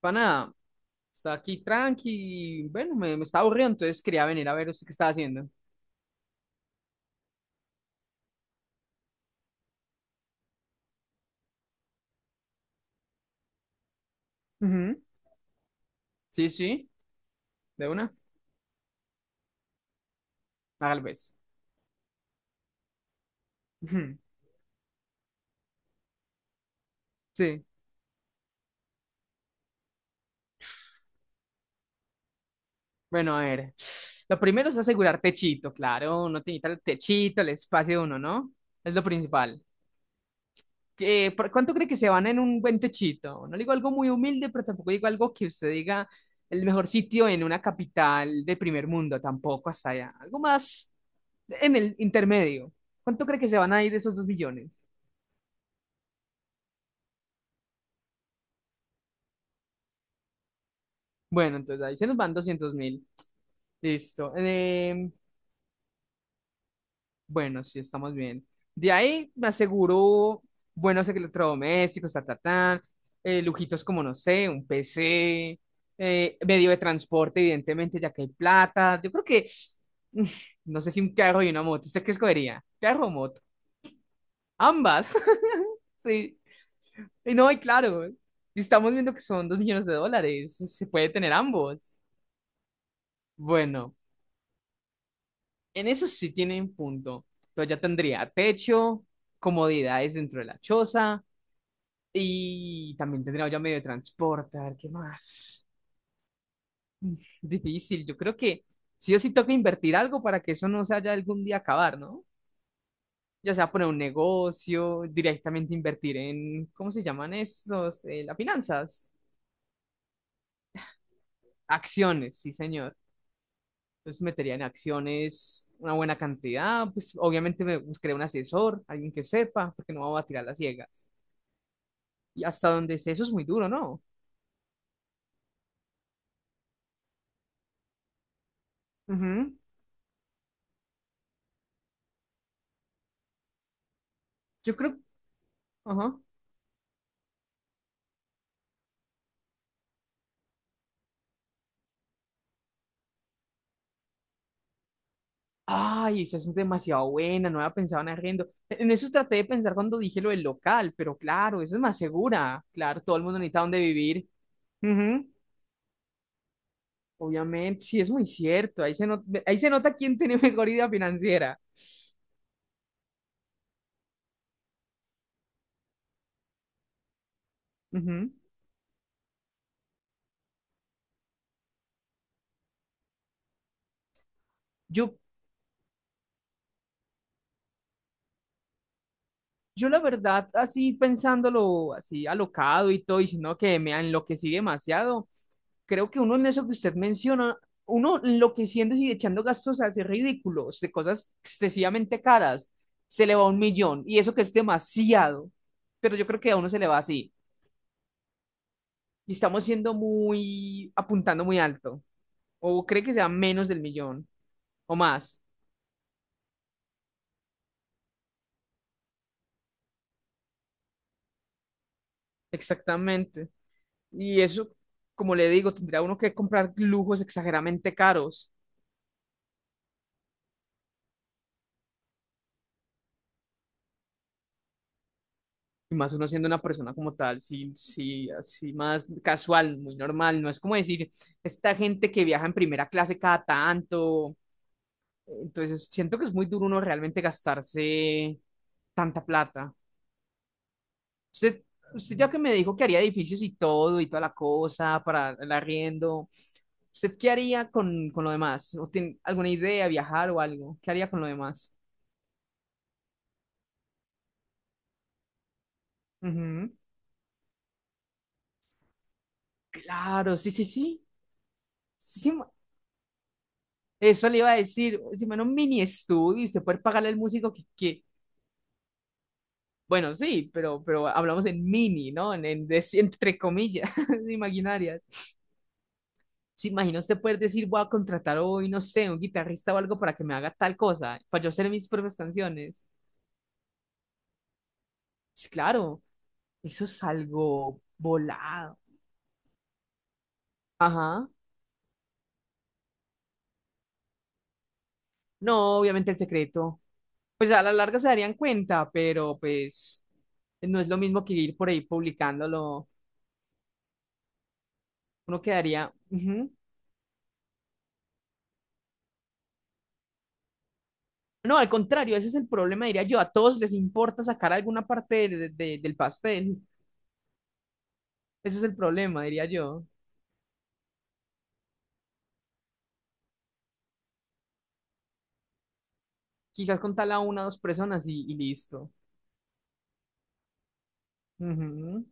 Pana, está aquí tranqui. Bueno, me estaba aburrido, entonces quería venir a ver usted qué está haciendo. Ujú. Sí, sí, de una. Tal vez. Ujú. Sí. Bueno, a ver. Lo primero es asegurar techito, claro. Uno tiene que el techito, el espacio de uno, ¿no? Es lo principal. ¿Por cuánto cree que se van en un buen techito? No digo algo muy humilde, pero tampoco digo algo que usted diga el mejor sitio en una capital de primer mundo, tampoco hasta allá. Algo más en el intermedio. ¿Cuánto cree que se van a ir de esos 2 millones? Bueno, entonces ahí se nos van 200 mil. Listo. Bueno, sí, estamos bien. De ahí me aseguró buenos electrodomésticos, ta, ta, ta, lujitos como, no sé, un PC, medio de transporte, evidentemente, ya que hay plata. Yo creo que, no sé si un carro y una moto. ¿Usted qué escogería? ¿Carro o moto? Ambas. Sí. Y no, y claro, y estamos viendo que son 2 millones de dólares. Se puede tener ambos. Bueno, en eso sí tienen punto. Entonces ya tendría techo, comodidades dentro de la choza, y también tendría ya medio de transporte, a ver qué más. Difícil, yo creo que sí o sí toca invertir algo para que eso no se haya algún día acabar, ¿no? Ya sea poner un negocio, directamente invertir en, ¿cómo se llaman esos? Las finanzas. Acciones, sí, señor. Entonces metería en acciones una buena cantidad, pues obviamente me buscaré un asesor, alguien que sepa, porque no vamos a tirar las ciegas. Y hasta donde sé, eso es muy duro, ¿no? Ujú. Yo creo, ajá. Ay, esa es demasiado buena, no había pensado en arriendo. E, en eso traté de pensar cuando dije lo del local, pero claro, eso es más segura. Claro, todo el mundo necesita donde vivir. Ujú. Obviamente, sí, es muy cierto. Ahí se nota quién tiene mejor idea financiera. Ujú. Yo Yo la verdad, así pensándolo, así alocado y todo, y sino que me enloquecí demasiado, creo que uno en eso que usted menciona, uno enloqueciendo y echando gastos así ridículos, de cosas excesivamente caras, se le va 1 millón, y eso que es demasiado, pero yo creo que a uno se le va así, y estamos siendo muy, apuntando muy alto, o cree que sea menos del millón, o más, exactamente, y eso, como le digo, tendría uno que comprar lujos exageradamente caros. Y más uno siendo una persona como tal, sí, sí, así más casual, muy normal. No es como decir, esta gente que viaja en primera clase cada tanto. Entonces, siento que es muy duro uno realmente gastarse tanta plata. Usted, usted ya que me dijo que haría edificios y todo y toda la cosa para el arriendo, ¿usted qué haría con lo demás? ¿O tiene alguna idea, viajar o algo? ¿Qué haría con lo demás? Ujú. Claro, sí, sí, sí. Sí, sí, eso le iba a decir, si en un mini estudio y usted puede pagarle al músico que- bueno, sí, pero hablamos en mini, ¿no? En des- entre comillas, imaginarias. Se imagina usted poder decir, voy a contratar hoy, no sé, un guitarrista o algo para que me haga tal cosa, para yo hacer mis propias canciones. Sí, claro, eso es algo volado. Ajá. No, obviamente el secreto. Pues a la larga se darían cuenta, pero pues no es lo mismo que ir por ahí publicándolo. Uno quedaría. Ujú. No, al contrario, ese es el problema, diría yo. A todos les importa sacar alguna parte de- del pastel. Ese es el problema, diría yo. Quizás contarla a una o dos personas y listo. Ujú.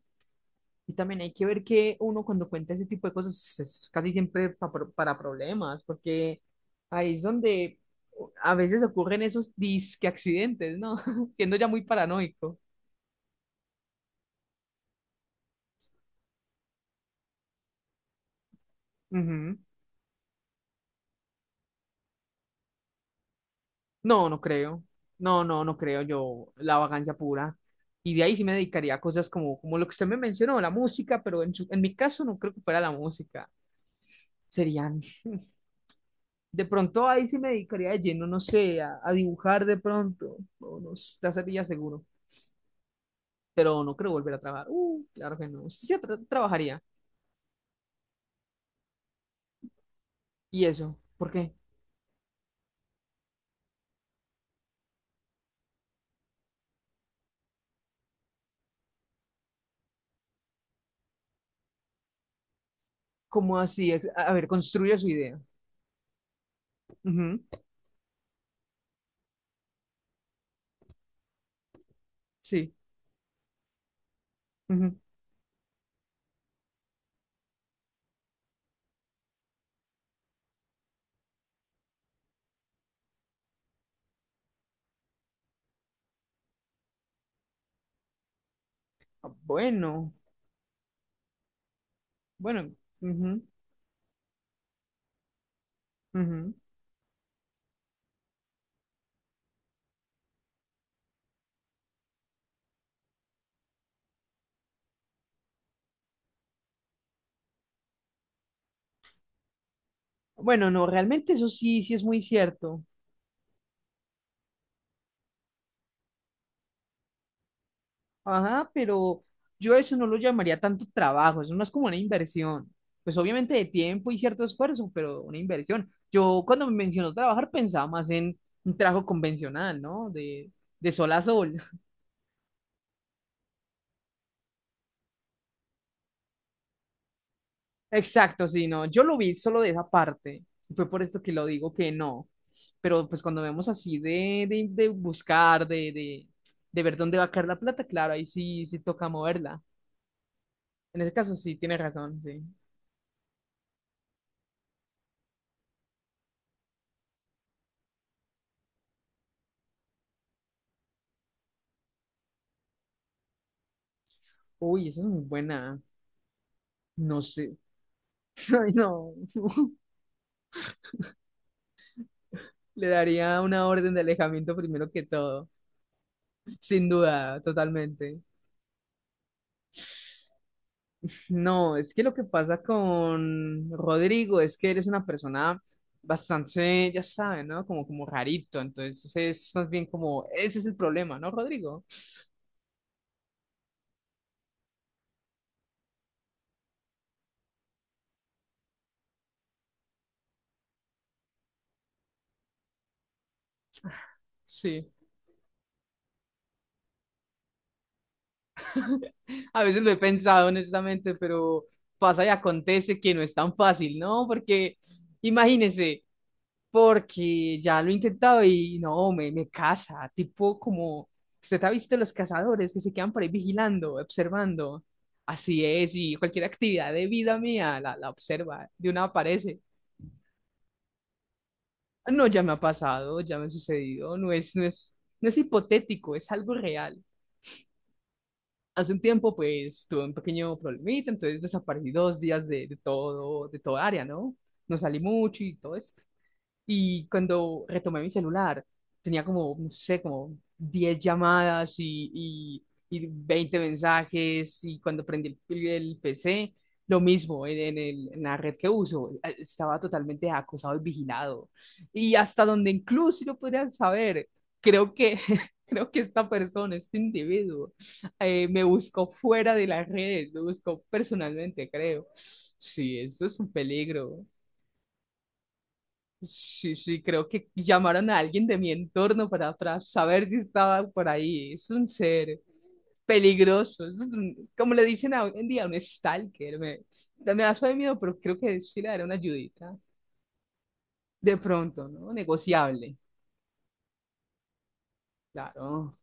Y también hay que ver que uno cuando cuenta ese tipo de cosas es casi siempre pa- pro- para problemas, porque ahí es donde a veces ocurren esos disque accidentes, ¿no? Siendo ya muy paranoico. Ujú. No, no creo. No creo yo la vagancia pura. Y de ahí sí me dedicaría a cosas como, como lo que usted me mencionó, la música, pero en, su- en mi caso no creo que fuera la música. Serían. De pronto ahí sí me dedicaría de lleno, no sé, a dibujar de pronto. No, no, ya sería seguro. Pero no creo volver a trabajar. Claro que no. Usted sí tra- trabajaría. ¿Y eso? ¿Por qué? ¿Cómo así? Es- a ver, construya su idea. Ujú. Sí. Ujú. Ah, bueno, bueno. Ujú, ujú. Bueno, no, realmente eso sí, sí es muy cierto. Ajá, pero yo eso no lo llamaría tanto trabajo, eso no es como una inversión. Pues obviamente de tiempo y cierto esfuerzo, pero una inversión. Yo cuando me mencionó trabajar pensaba más en un trabajo convencional, ¿no? De sol a sol. Exacto, sí, no, yo lo vi solo de esa parte. Y fue por esto que lo digo que no. Pero pues cuando vemos así de buscar, de ver dónde va a caer la plata, claro, ahí sí, sí toca moverla. En ese caso sí, tiene razón, sí. Uy, esa es muy buena. No sé. Ay, no. Le daría una orden de alejamiento primero que todo. Sin duda, totalmente. No, es que lo que pasa con Rodrigo es que él es una persona bastante, ya sabe, ¿no? Como, como rarito. Entonces es más bien como, ese es el problema, ¿no, Rodrigo? Sí. A veces lo he pensado honestamente, pero pasa y acontece que no es tan fácil, ¿no? Porque imagínese. Porque ya lo he intentado y no, me casa, tipo como, usted ha visto los cazadores que se quedan por ahí vigilando, observando, así es, y cualquier actividad de vida mía la observa, de una aparece, no, ya me ha pasado, ya me ha sucedido, no es hipotético, es algo real. Hace un tiempo, pues, tuve un pequeño problemita, entonces desaparecí 2 días de todo, de toda área, ¿no? No salí mucho y todo esto. Y cuando retomé mi celular, tenía como, no sé, como 10 llamadas y 20 mensajes. Y cuando prendí el PC, lo mismo en el- en la red que uso. Estaba totalmente acosado y vigilado. Y hasta donde incluso yo podría saber, creo que, creo que esta persona, este individuo, me buscó fuera de la red, me buscó personalmente, creo. Sí, eso es un peligro. Sí, sí, creo que llamaron a alguien de mi entorno para saber si estaba por ahí. Es un ser peligroso, es un- como le dicen hoy en día, un stalker. Me, no me da suave miedo, pero creo que sí le daré una ayudita. De pronto, ¿no? Negociable, claro.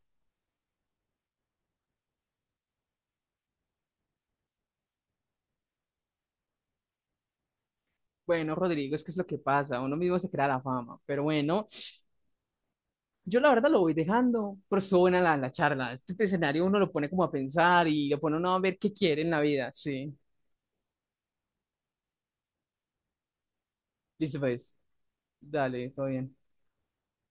Bueno, Rodrigo, es que es lo que pasa, uno mismo se crea la fama, pero bueno, yo la verdad lo voy dejando, pero estuvo buena la, la charla. Este escenario uno lo pone como a pensar y lo pone uno a ver qué quiere en la vida, sí. Listo, pues, dale, todo bien.